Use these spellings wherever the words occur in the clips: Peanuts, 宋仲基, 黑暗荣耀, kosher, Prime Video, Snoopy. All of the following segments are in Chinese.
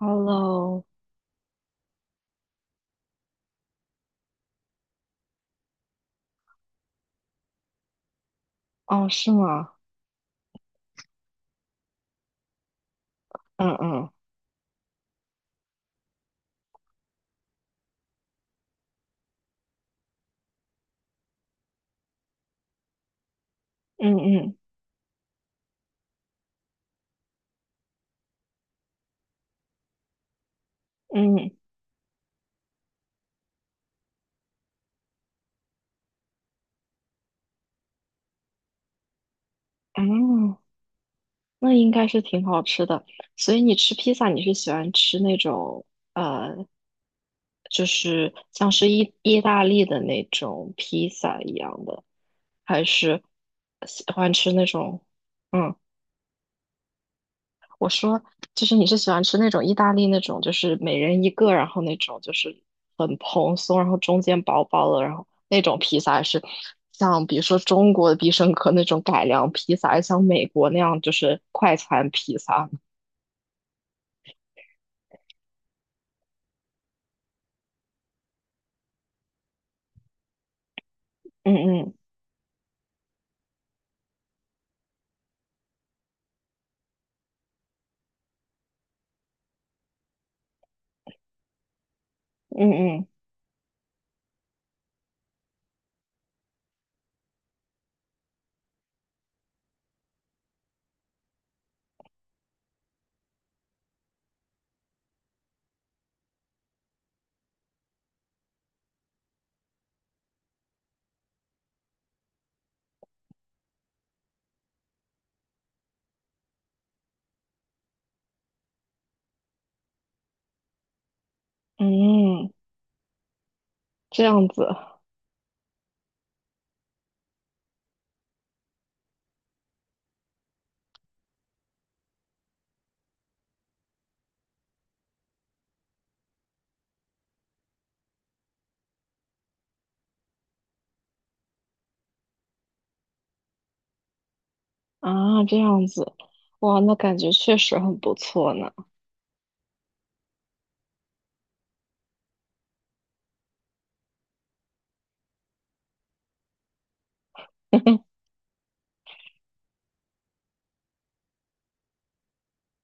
Hello，哦，是吗？嗯嗯嗯嗯嗯，哦，那应该是挺好吃的。所以你吃披萨，你是喜欢吃那种呃，就是像是意大利的那种披萨一样的，还是喜欢吃那种？嗯。我说，就是你是喜欢吃那种意大利那种，就是每人一个，然后那种就是很蓬松，然后中间薄薄的，然后那种披萨，还是像比如说中国的必胜客那种改良披萨，还是像美国那样就是快餐披萨？嗯嗯嗯嗯嗯，这样子啊，这样子，哇，那感觉确实很不错呢。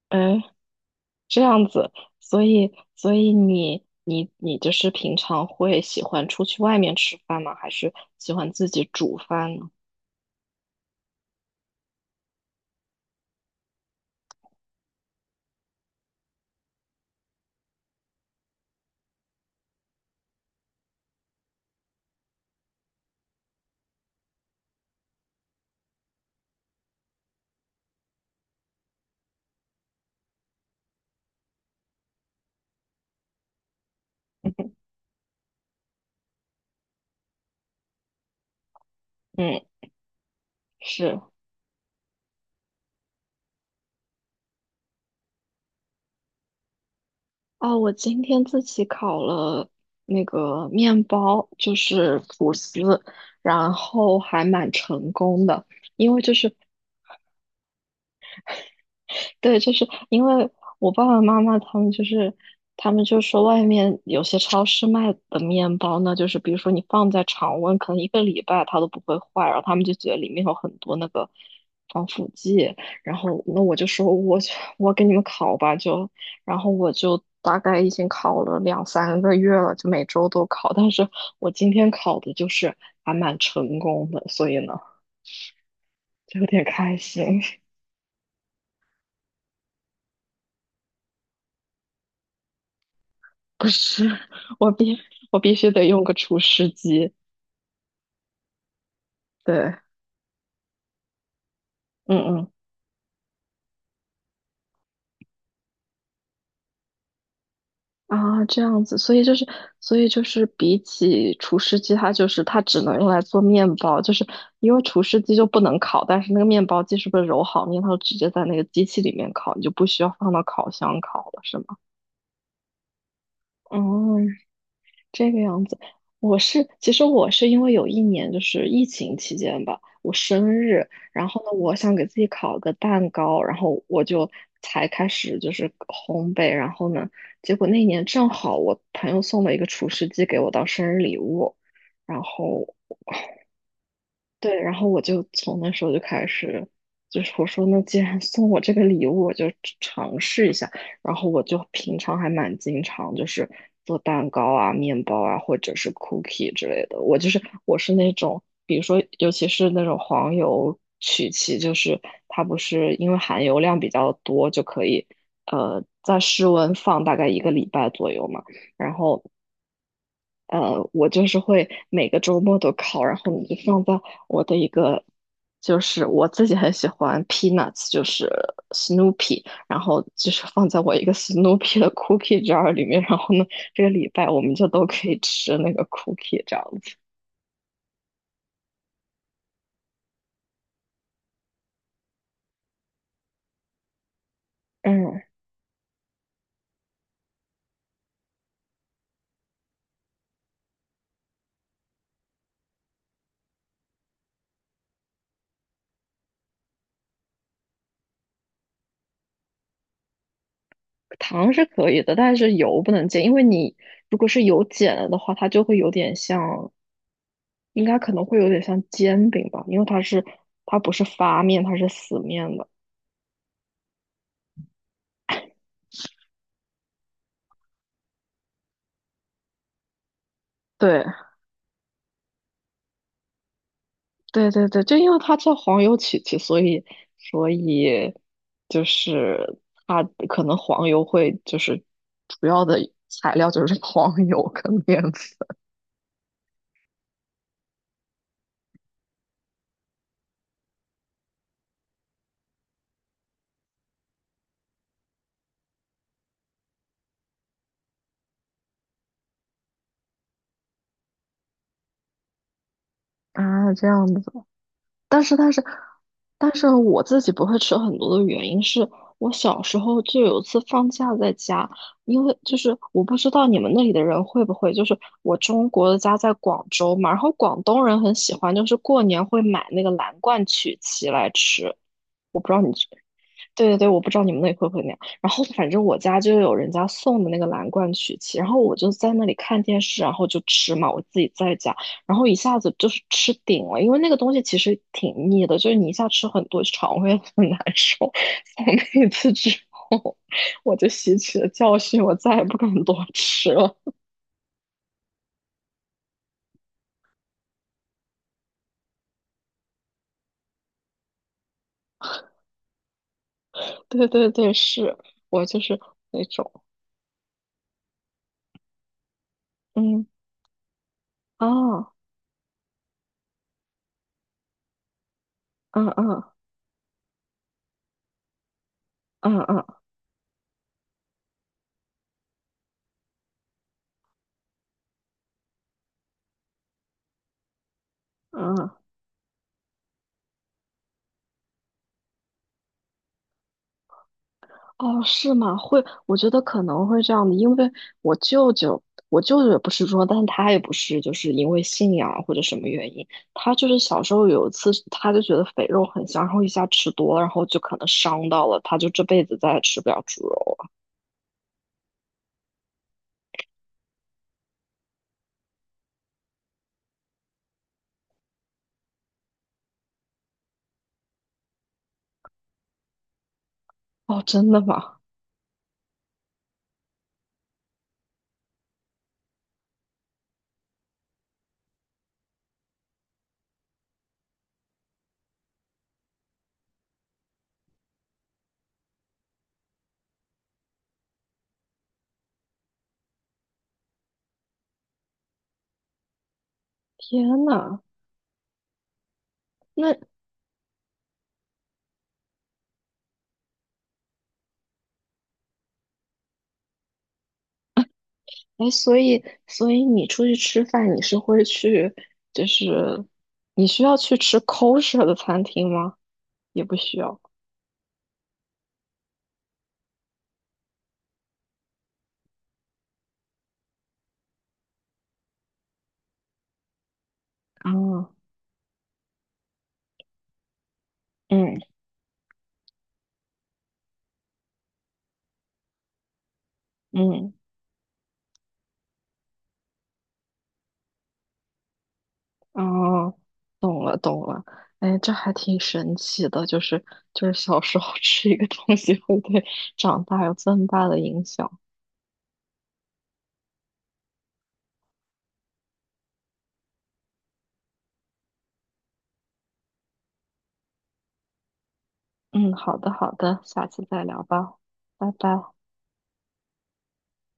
哎，这样子，所以你就是平常会喜欢出去外面吃饭吗？还是喜欢自己煮饭呢？嗯，是哦，我今天自己烤了那个面包，就是吐司，然后还蛮成功的，因为就是对，就是因为我爸爸妈妈他们就是，他们就说外面有些超市卖的面包呢，就是比如说你放在常温，可能一个礼拜它都不会坏，然后他们就觉得里面有很多那个防腐剂，然后那我就说我给你们烤吧，就然后我就大概已经烤了两三个月了，就每周都烤，但是我今天烤的就是还蛮成功的，所以呢就有点开心。不是，我必我必须得用个除湿机。对，嗯嗯啊，这样子，所以就是，所以就是比起除湿机，它就是它只能用来做面包，就是因为除湿机就不能烤，但是那个面包机是不是揉好面，它就直接在那个机器里面烤，你就不需要放到烤箱烤了，是吗？哦，这个样子，其实我是因为有一年就是疫情期间吧，我生日，然后呢，我想给自己烤个蛋糕，然后我就才开始就是烘焙，然后呢，结果那年正好我朋友送了一个厨师机给我当生日礼物，然后对，然后我就从那时候就开始，就是我说那既然送我这个礼物，我就吃尝试一下。然后我就平常还蛮经常就是做蛋糕啊、面包啊，或者是 cookie 之类的。我是那种，比如说尤其是那种黄油曲奇，就是它不是因为含油量比较多，就可以在室温放大概一个礼拜左右嘛。然后我就是会每个周末都烤，然后你就放在我的一个，就是我自己很喜欢 Peanuts，就是 Snoopy，然后就是放在我一个 Snoopy 的 cookie jar 里面，然后呢，这个礼拜我们就都可以吃那个 cookie 这样子。嗯，糖是可以的，但是油不能减，因为你如果是油减了的话，它就会有点像，应该可能会有点像煎饼吧，因为它不是发面，它是死面的。对。对对对，就因为它叫黄油曲奇，所以就是它可能黄油会就是主要的材料就是 黄油跟面粉啊这样子。但是但是但是我自己不会吃很多的原因是我小时候就有一次放假在家，因为就是我不知道你们那里的人会不会，就是我中国的家在广州嘛，然后广东人很喜欢就是过年会买那个蓝罐曲奇来吃。对对对，我不知道你们那里会不会那样。然后反正我家就有人家送的那个蓝罐曲奇，然后我就在那里看电视，然后就吃嘛，我自己在家，然后一下子就是吃顶了，因为那个东西其实挺腻的，就是你一下吃很多，肠胃很难受。从那一次之后，我就吸取了教训，我再也不敢多吃了。对对对，是我就是那种，嗯啊，嗯嗯嗯嗯嗯。哦，是吗？会，我觉得可能会这样的，因为我舅舅，我舅舅也不是说，但是他也不是，就是因为信仰或者什么原因，他就是小时候有一次，他就觉得肥肉很香，然后一下吃多了，然后就可能伤到了，他就这辈子再也吃不了猪肉了。哦，真的吗？天呐，那，哎，所以你出去吃饭，你是会去，就是你需要去吃 kosher 的餐厅吗？也不需要。啊，嗯嗯。哦，懂了懂了，哎，这还挺神奇的，就是小时候 吃一个东西会对长大有这么大的影响。嗯，好的好的，下次再聊吧，拜拜。